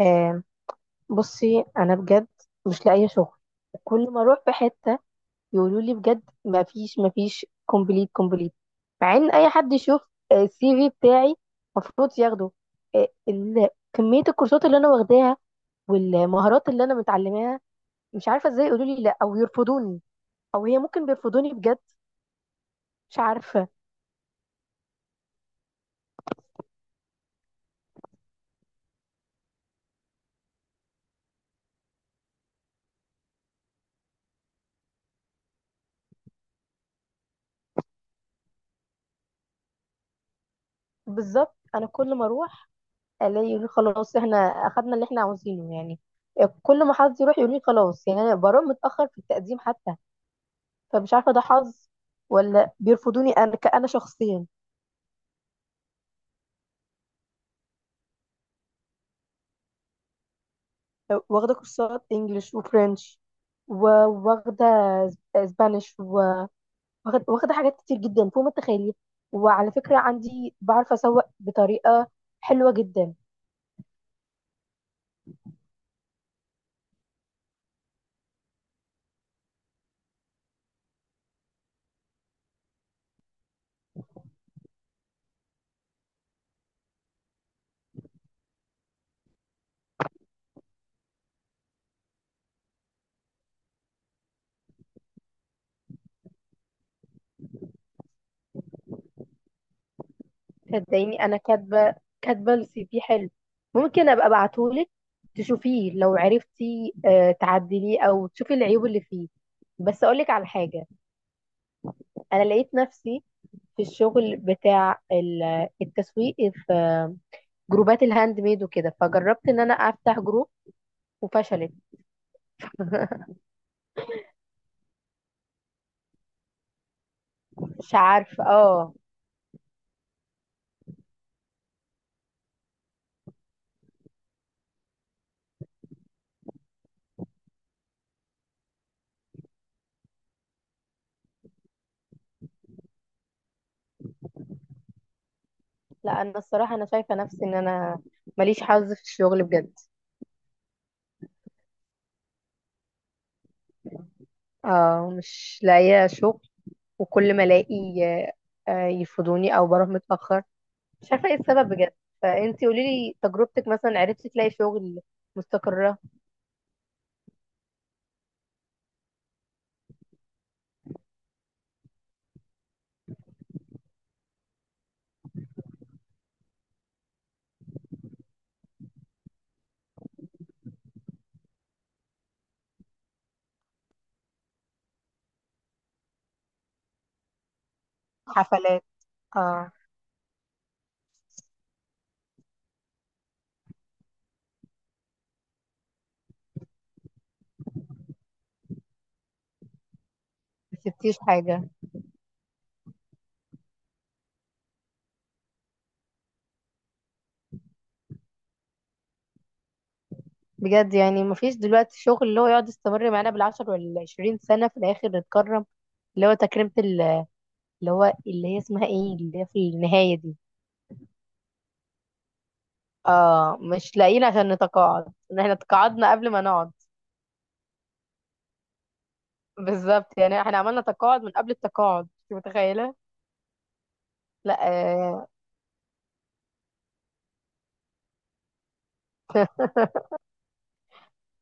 آه بصي انا بجد مش لاقيه شغل. وكل ما اروح في حته يقولوا لي بجد ما فيش ما فيش، كومبليت كومبليت. مع ان اي حد يشوف السي في بتاعي المفروض ياخده. كميه الكورسات اللي انا واخداها والمهارات اللي انا متعلماها. مش عارفه ازاي يقولوا لي لا او يرفضوني، او هي ممكن بيرفضوني بجد. مش عارفه. بالظبط انا كل ما اروح الاقي يقولوا لي خلاص، احنا اخدنا اللي احنا عاوزينه يعني. كل ما حد يروح يقول لي خلاص، يعني انا بروح متاخر في التقديم حتى. فمش عارفه ده حظ ولا بيرفضوني انا كأنا شخصيا. واخده كورسات انجليش وفرنش، وواخده اسبانيش، واخده، واخدة حاجات كتير جدا فوق ما تتخيلي. وعلى فكره عندي بعرف اسوق بطريقه حلوه جدا. صدقيني انا كاتبه، كاتبه السي في حلو. ممكن ابقى ابعتهولك تشوفيه لو عرفتي تعدليه او تشوفي العيوب اللي فيه. بس اقولك على حاجه. انا لقيت نفسي في الشغل بتاع التسويق في جروبات الهاند ميد وكده، فجربت ان انا افتح جروب وفشلت. مش عارفه اه. لا انا الصراحه انا شايفه نفسي ان انا ماليش حظ في الشغل بجد. اه مش لاقيه شغل وكل ما الاقي يفضوني او بروح متاخر. مش عارفه ايه السبب بجد. فانتي قولي لي تجربتك، مثلا عرفتي تلاقي شغل مستقره؟ حفلات اه. ما سبتيش حاجه. بجد يعني مفيش دلوقتي شغل اللي هو يقعد يستمر معانا بالعشر والعشرين سنة في الآخر نتكرم. اللي هو تكريمة اللي هي اسمها ايه، اللي هي في النهاية دي. اه مش لاقيين عشان نتقاعد. ان احنا تقاعدنا قبل ما نقعد. بالظبط، يعني احنا عملنا تقاعد من قبل التقاعد، انت متخيلة؟ لا.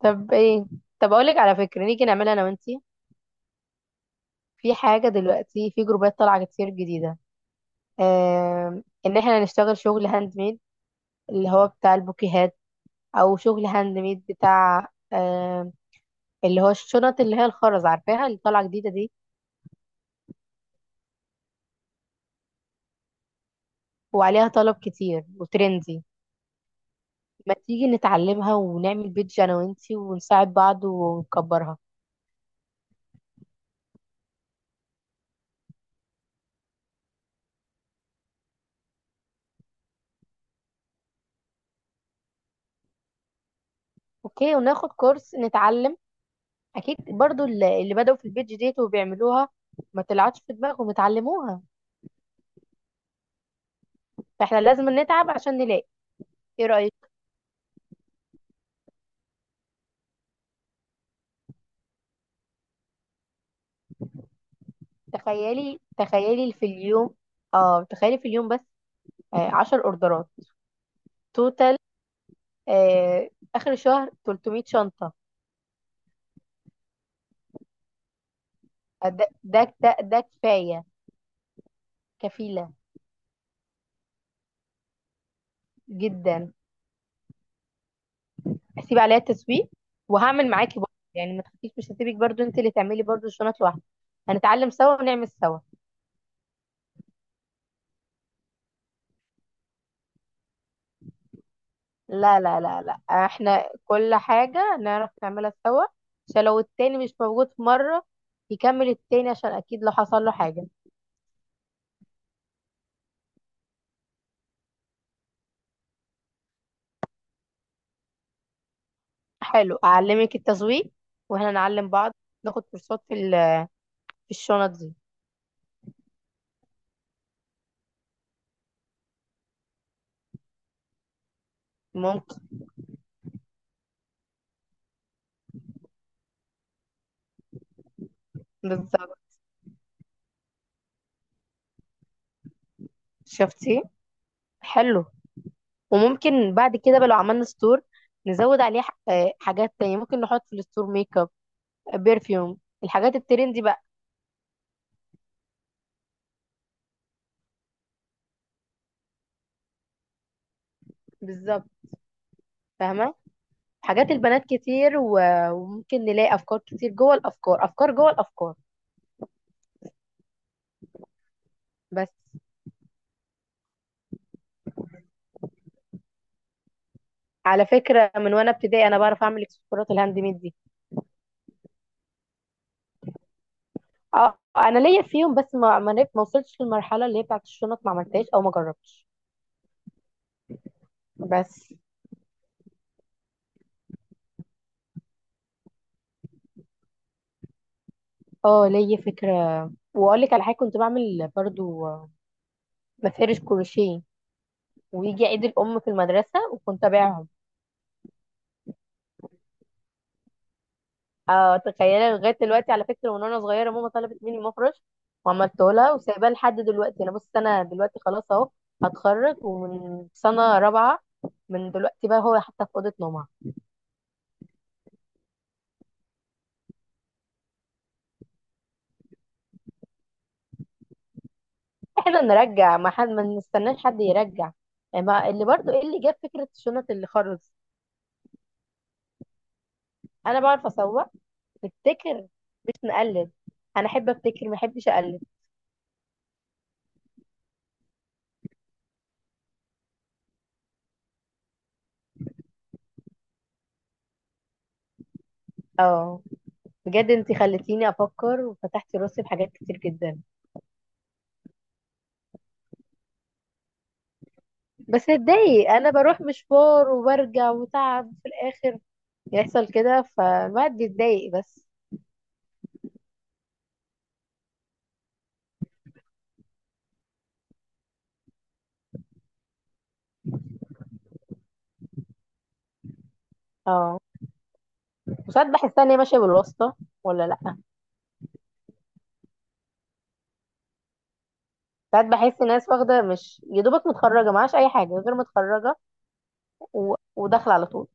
طب ايه، طب اقولك على فكرة، نيجي نعملها انا وانتي. في حاجة دلوقتي في جروبات طالعة كتير جديدة. ان احنا نشتغل شغل هاند ميد اللي هو بتاع البوكيهات، او شغل هاند ميد بتاع آه، اللي هو الشنط اللي هي الخرز، عارفاها اللي طالعه جديده دي؟ وعليها طلب كتير وترندي. ما تيجي نتعلمها ونعمل بيدج انا وانتي ونساعد بعض ونكبرها. اوكي، وناخد كورس نتعلم. اكيد برضو اللي بدأوا في البيدج ديت وبيعملوها ما طلعتش في دماغهم اتعلموها. فاحنا لازم نتعب عشان نلاقي. ايه رأيك؟ تخيلي تخيلي في اليوم، اه تخيلي في اليوم بس 10 اوردرات توتال. آه، اخر الشهر 300 شنطة. ده كفايه. كفيله جدا. هسيب عليها التسويق، وهعمل معاكي برضه يعني، ما تخافيش مش هسيبك برضه، انت اللي تعملي برضه الشنط لوحدك. هنتعلم سوا ونعمل سوا. لا لا لا لا، احنا كل حاجه نعرف نعملها سوا عشان لو التاني مش موجود في مره يكمل التاني، عشان اكيد لو حصل له حاجه. حلو، اعلمك التسويق واحنا نعلم بعض. ناخد كورسات في في الشنط دي. ممكن. بالظبط. شفتي. حلو. وممكن بعد كده بقى لو عملنا ستور نزود عليه حاجات تانية ممكن نحط في الستور ميك اب، بيرفيوم، الحاجات الترندي بقى. بالظبط. فاهمة. حاجات البنات كتير وممكن نلاقي أفكار كتير جوه الأفكار، أفكار جوه الأفكار. بس على فكرة، من وأنا ابتدائي أنا بعرف أعمل إكسسوارات الهاند ميد دي. أه أنا ليا فيهم، بس ما وصلتش للمرحلة اللي هي بتاعت الشنط، ما عملتهاش أو ما جربتش. بس أه ليا فكرة. وأقول لك على حاجة كنت بعمل برضو مفارش كروشيه، ويجي عيد الام في المدرسه وكنت ابيعهم. آه تخيل لغايه دلوقتي، على فكره من وانا صغيره ماما طلبت مني مفرش وعملته لها وسايباه لحد دلوقتي. انا بص انا دلوقتي خلاص اهو هتخرج ومن سنه رابعه من دلوقتي بقى، هو حتى في اوضه نومها. احنا نرجع ما حد، ما نستناش حد يرجع، يعني ما اللي برضو ايه اللي جاب فكره شنط اللي خرز؟ انا بعرف اسوق. نبتكر مش نقلد. انا احب ابتكر ما احبش اقلد. اه بجد انت خلتيني افكر وفتحتي راسي بحاجات كتير جدا. بس اتضايق، انا بروح مشوار وبرجع وتعب في الاخر. يحصل كده فالواحد بيتضايق بس. اه. وساعات بحس ان هي ماشيه بالواسطه، ولا لا. ساعات بحس ناس واخده مش يا دوبك متخرجه معهاش اي حاجه غير متخرجه، و... وداخله على طول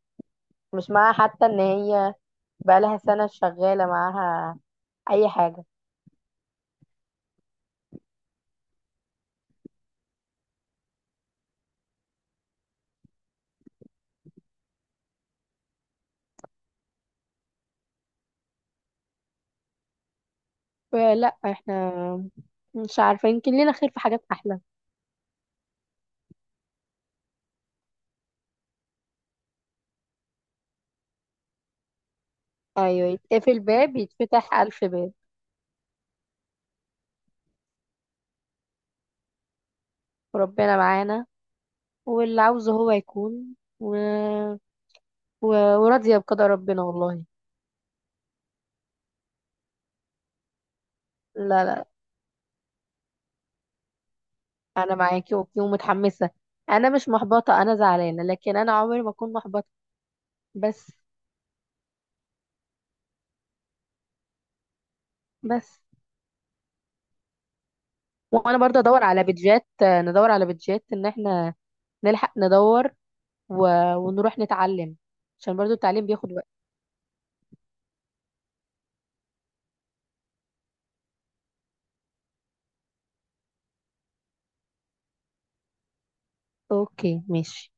مش معاها حتى ان هي بقالها سنه شغاله معاها اي حاجه. لا احنا مش عارفه، يمكن لينا خير في حاجات احلى. ايوه، يتقفل باب يتفتح الف باب. وربنا معانا، واللي عاوزه هو يكون. و... و... وراضية بقضاء ربنا والله. لا لا، أنا معاكي أوكي ومتحمسة. أنا مش محبطة، أنا زعلانة لكن أنا عمري ما أكون محبطة. بس. بس وأنا برضه أدور على بيدجات، ندور على بيدجات إن إحنا نلحق ندور. و... ونروح نتعلم عشان برضه التعليم بياخد وقت. أوكي ماشي.